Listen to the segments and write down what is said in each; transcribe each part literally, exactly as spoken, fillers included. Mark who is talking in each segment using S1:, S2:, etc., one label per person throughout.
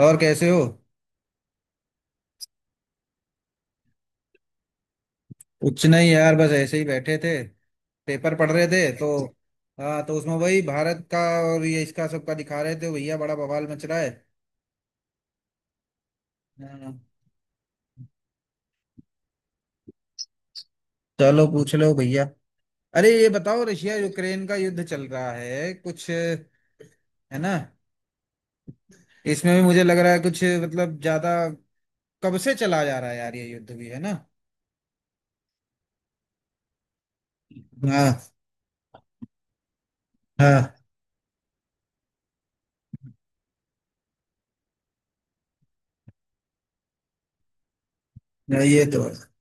S1: और कैसे हो? कुछ नहीं यार, बस ऐसे ही बैठे थे, पेपर पढ़ रहे थे। तो हाँ, तो उसमें वही भारत का और ये इसका सबका दिखा रहे थे भैया, बड़ा बवाल मच रहा है। हाँ, चलो पूछ लो भैया। अरे ये बताओ, रशिया यूक्रेन का युद्ध चल रहा है कुछ है ना, इसमें भी मुझे लग रहा है कुछ मतलब ज्यादा कब से चला जा रहा है यार ये युद्ध भी, है ना? हाँ, हाँ, ये तो है।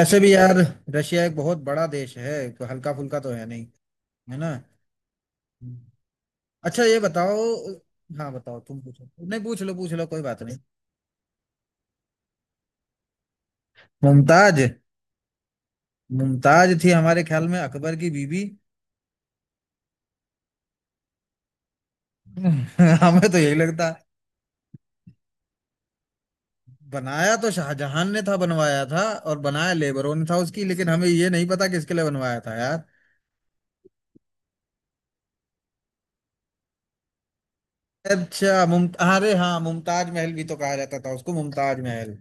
S1: ऐसे भी यार, रशिया एक बहुत बड़ा देश है, हल्का फुल्का तो है नहीं, है ना। अच्छा ये बताओ। हाँ बताओ, तुम पूछो, नहीं पूछ लो, पूछ लो, कोई बात नहीं। मुमताज। मुमताज थी हमारे ख्याल में अकबर की बीबी। हमें तो यही लगता। बनाया तो शाहजहां ने था, बनवाया था, और बनाया लेबरों ने था उसकी, लेकिन हमें ये नहीं पता किसके लिए बनवाया था यार। अच्छा मुमता अरे हाँ, मुमताज महल भी तो कहा जाता था उसको, मुमताज महल।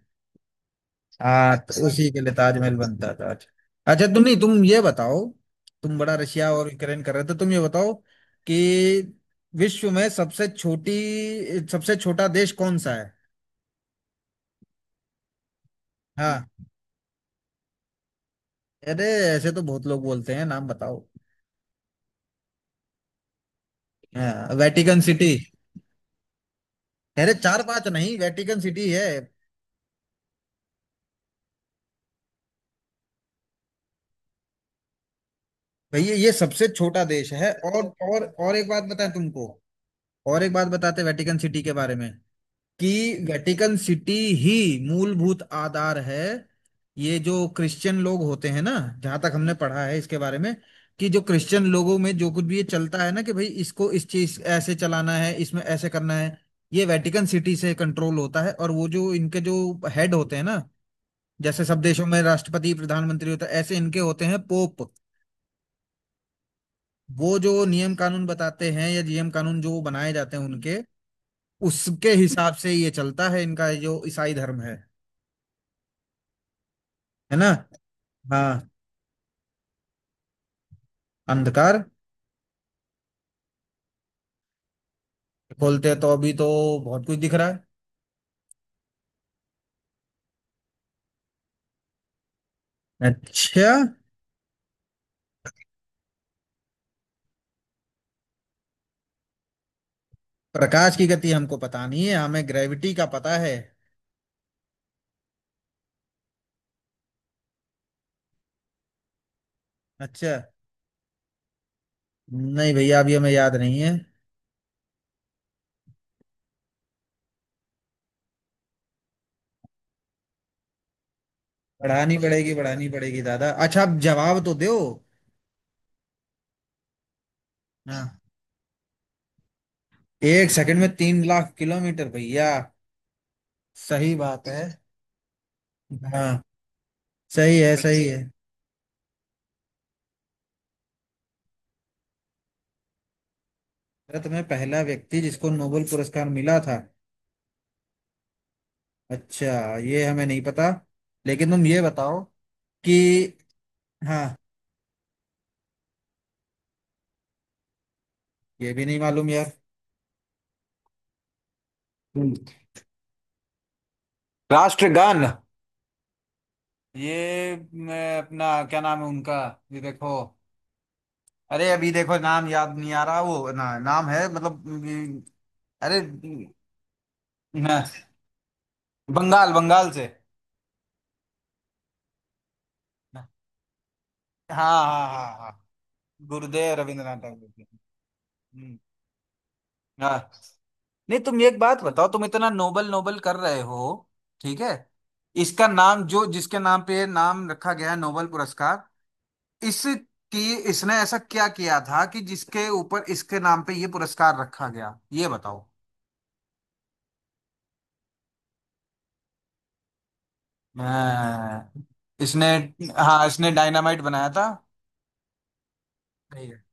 S1: हाँ तो उसी के लिए ताजमहल बनता था। अच्छा अच्छा, तुम नहीं तुम ये बताओ, तुम बड़ा रशिया और यूक्रेन कर रहे थे, तुम ये बताओ कि विश्व में सबसे छोटी सबसे छोटा देश कौन सा है? हाँ। अरे ऐसे तो बहुत लोग बोलते हैं, नाम बताओ। हाँ, वेटिकन सिटी। अरे चार पांच नहीं, वेटिकन सिटी है। भैया ये सबसे छोटा देश है। और और और एक बात बताएं तुमको, और एक बात बताते हैं वेटिकन सिटी के बारे में कि वेटिकन सिटी ही मूलभूत आधार है। ये जो क्रिश्चियन लोग होते हैं ना, जहां तक हमने पढ़ा है इसके बारे में, कि जो क्रिश्चियन लोगों में जो कुछ भी ये चलता है ना, कि भाई इसको इस चीज ऐसे चलाना है, इसमें ऐसे करना है, ये वेटिकन सिटी से कंट्रोल होता है। और वो जो इनके जो हेड होते हैं ना, जैसे सब देशों में राष्ट्रपति प्रधानमंत्री होता है, ऐसे इनके होते हैं पोप। वो जो नियम कानून बताते हैं, या नियम कानून जो बनाए जाते हैं उनके, उसके हिसाब से ये चलता है इनका जो ईसाई धर्म है है ना। हाँ। अंधकार। खोलते हैं तो अभी तो बहुत कुछ दिख रहा है। अच्छा। प्रकाश की गति हमको पता नहीं है, हमें ग्रेविटी का पता है। अच्छा। नहीं भैया, अभी हमें याद नहीं है। पढ़ानी पड़ेगी, पढ़ानी पड़ेगी दादा, अच्छा आप जवाब तो दो। हाँ, एक सेकंड में तीन लाख किलोमीटर भैया, सही बात है। हाँ सही है, सही है। भारत में पहला व्यक्ति जिसको नोबेल पुरस्कार मिला था, अच्छा ये हमें नहीं पता, लेकिन तुम ये बताओ कि हाँ, ये भी नहीं मालूम यार। हम्म। राष्ट्रगान, ये मैं अपना क्या नाम है उनका, ये देखो, अरे अभी देखो नाम याद नहीं आ रहा, वो ना नाम है मतलब ये- अरे, ना, बंगाल, बंगाल से। हाँ, हाँ, हाँ, हाँ, गुरुदेव रविंद्रनाथ टैगोर जी। हम्म, हाँ। नहीं तुम एक बात बताओ, तुम इतना नोबल नोबल कर रहे हो, ठीक है, इसका नाम, जो जिसके नाम पे ये नाम रखा गया है, नोबल पुरस्कार, इसकी, इसने ऐसा क्या किया था कि जिसके ऊपर, इसके नाम पे ये पुरस्कार रखा गया, ये बताओ। अ, इसने, हाँ इसने डायनामाइट बनाया था। नहीं है।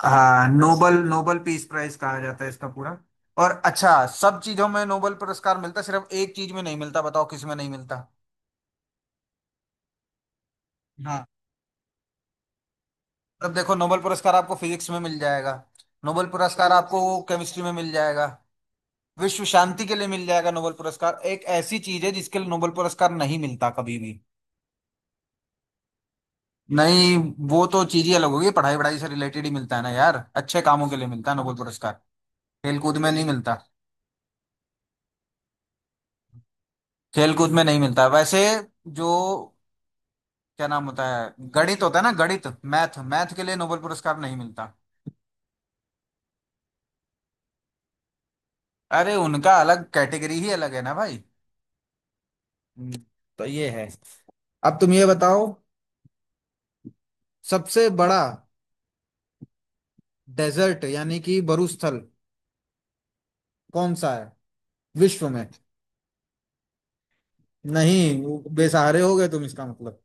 S1: हाँ, नोबल, नोबल पीस प्राइज कहा जाता है इसका पूरा। और अच्छा, सब चीजों में नोबल पुरस्कार मिलता है, सिर्फ एक चीज में नहीं मिलता, बताओ किस में नहीं मिलता? हाँ। अब देखो नोबल पुरस्कार आपको फिजिक्स में मिल जाएगा, नोबल पुरस्कार आपको केमिस्ट्री में मिल जाएगा, विश्व शांति के लिए मिल जाएगा। नोबेल पुरस्कार, एक ऐसी चीज है जिसके लिए नोबेल पुरस्कार नहीं मिलता कभी भी। नहीं, वो तो चीज ही अलग होगी, पढ़ाई वढ़ाई से रिलेटेड ही मिलता है ना यार, अच्छे कामों के लिए मिलता है नोबेल पुरस्कार। खेल कूद में नहीं मिलता, खेल कूद में नहीं मिलता वैसे। जो क्या नाम होता है, गणित होता है ना, गणित, मैथ, मैथ के लिए नोबेल पुरस्कार नहीं मिलता। अरे उनका अलग, कैटेगरी ही अलग है ना भाई। हम्म, तो ये है। अब तुम ये बताओ, सबसे बड़ा डेजर्ट, यानी कि मरुस्थल, कौन सा है विश्व में? नहीं, वो बेसहारे हो गए तुम, इसका मतलब,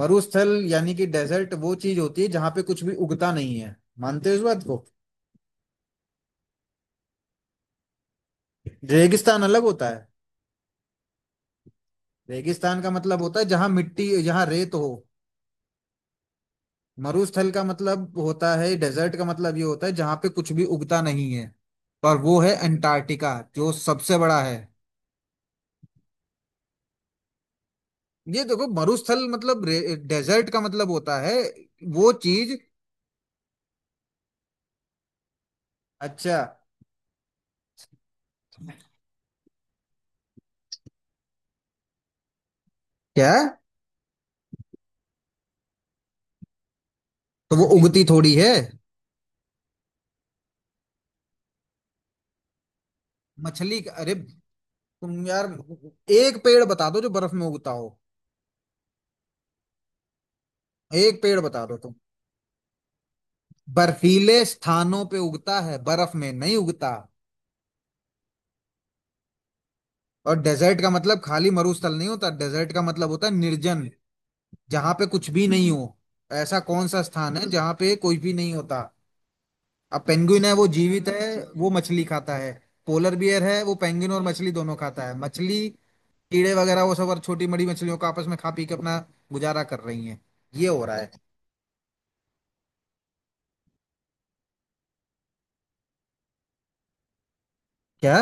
S1: मरुस्थल यानी कि डेजर्ट, वो चीज होती है जहां पे कुछ भी उगता नहीं है, मानते हो इस बात को? रेगिस्तान अलग होता है, रेगिस्तान का मतलब होता है जहां मिट्टी, जहां रेत हो। मरुस्थल का मतलब होता है, डेजर्ट का मतलब ये होता है जहां पे कुछ भी उगता नहीं है, और वो है अंटार्कटिका, जो सबसे बड़ा है। ये देखो, मरुस्थल मतलब रे- डेजर्ट का मतलब होता है वो चीज। अच्छा क्या, तो वो उगती थोड़ी है। मछली का- अरे तुम यार, एक पेड़ बता दो जो बर्फ में उगता हो, एक पेड़ बता दो तुम। बर्फीले स्थानों पे उगता है, बर्फ में नहीं उगता। और डेजर्ट का मतलब खाली मरुस्थल नहीं होता, डेजर्ट का मतलब होता है निर्जन, जहां पे कुछ भी नहीं हो। ऐसा कौन सा स्थान है जहां पे कोई भी नहीं होता? अब पेंगुइन है, वो जीवित है, वो मछली खाता है, पोलर बियर है वो पेंगुइन और मछली दोनों खाता है, मछली, कीड़े वगैरह वो सब, और छोटी बड़ी मछलियों को आपस में खा पी के अपना गुजारा कर रही है, ये हो रहा है। क्या?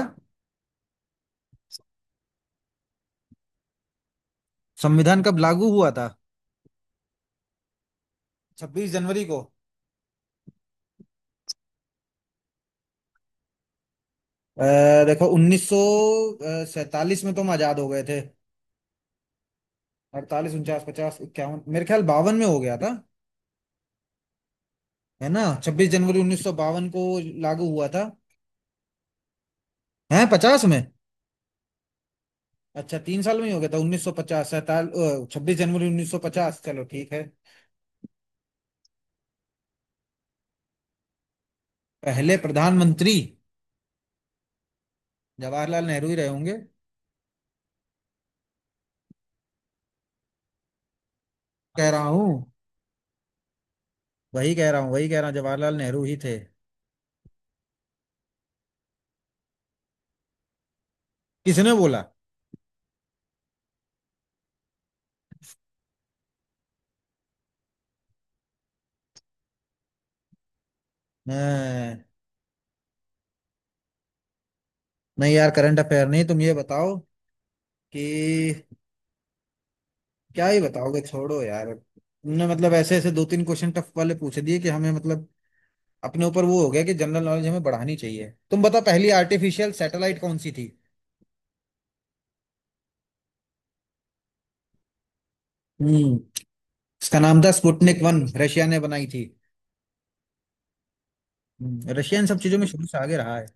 S1: संविधान कब लागू हुआ था? छब्बीस जनवरी को। अ, देखो, उन्नीस सौ सैतालीस में तो हम आजाद हो गए थे, अड़तालीस, उनचास, पचास, इक्यावन, मेरे ख्याल बावन में हो गया था, है ना, छब्बीस जनवरी उन्नीस सौ बावन को लागू हुआ था। है पचास में? अच्छा, तीन साल में ही हो गया था, उन्नीस सौ पचास सैताल छब्बीस जनवरी उन्नीस सौ पचास, चलो ठीक है। पहले प्रधानमंत्री, जवाहरलाल नेहरू ही रहे होंगे। कह रहा हूँ, वही कह रहा हूँ वही कह रहा हूँ जवाहरलाल नेहरू ही थे। किसने बोला? अ, नहीं यार करंट अफेयर नहीं, तुम ये बताओ कि क्या ही बताओगे, छोड़ो यार, तुमने मतलब ऐसे ऐसे दो तीन क्वेश्चन टफ वाले पूछ दिए कि हमें, मतलब अपने ऊपर वो हो गया कि जनरल नॉलेज हमें बढ़ानी चाहिए। तुम बताओ, पहली आर्टिफिशियल सैटेलाइट कौन सी थी? हम्म। इसका नाम था स्पुतनिक वन, रशिया ने बनाई थी। हम्म, रशिया इन सब चीजों में शुरू से आगे रहा है।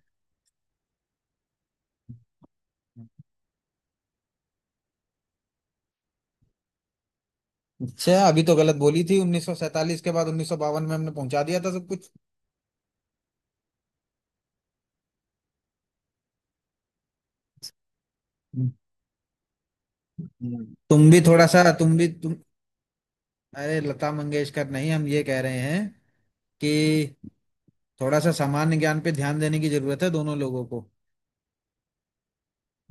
S1: अच्छा, अभी तो गलत बोली थी, उन्नीस सौ सैंतालीस के बाद उन्नीस सौ बावन में हमने पहुंचा दिया था सब कुछ। हम्म। तुम भी थोड़ा सा तुम भी तुम अरे लता मंगेशकर नहीं, हम ये कह रहे हैं कि थोड़ा सा सामान्य ज्ञान पे ध्यान देने की जरूरत है, दोनों लोगों को।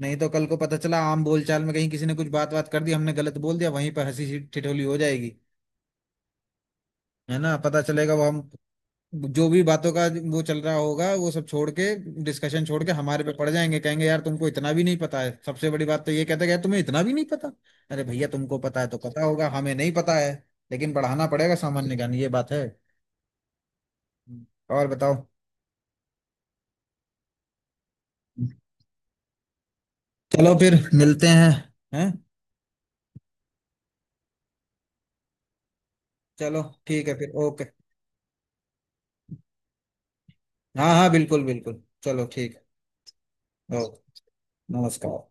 S1: नहीं तो कल को पता चला, आम बोलचाल में कहीं किसी ने कुछ बात बात कर दी, हमने गलत बोल दिया, वहीं पर हंसी ठिठोली हो जाएगी, है ना। पता चलेगा वो हम जो भी बातों का वो चल रहा होगा, वो सब छोड़ के, डिस्कशन छोड़ के, हमारे पे पड़ जाएंगे, कहेंगे यार तुमको इतना भी नहीं पता है, सबसे बड़ी बात तो ये, कहते गए तुम्हें इतना भी नहीं पता। अरे भैया तुमको पता है तो पता होगा, हमें नहीं पता है, लेकिन बढ़ाना पड़ेगा सामान्य ज्ञान, ये बात है। और बताओ। चलो फिर मिलते हैं। हैं? चलो ठीक है, फिर ओके। हाँ हाँ, बिल्कुल बिल्कुल, चलो, ठीक है, ओके, नमस्कार।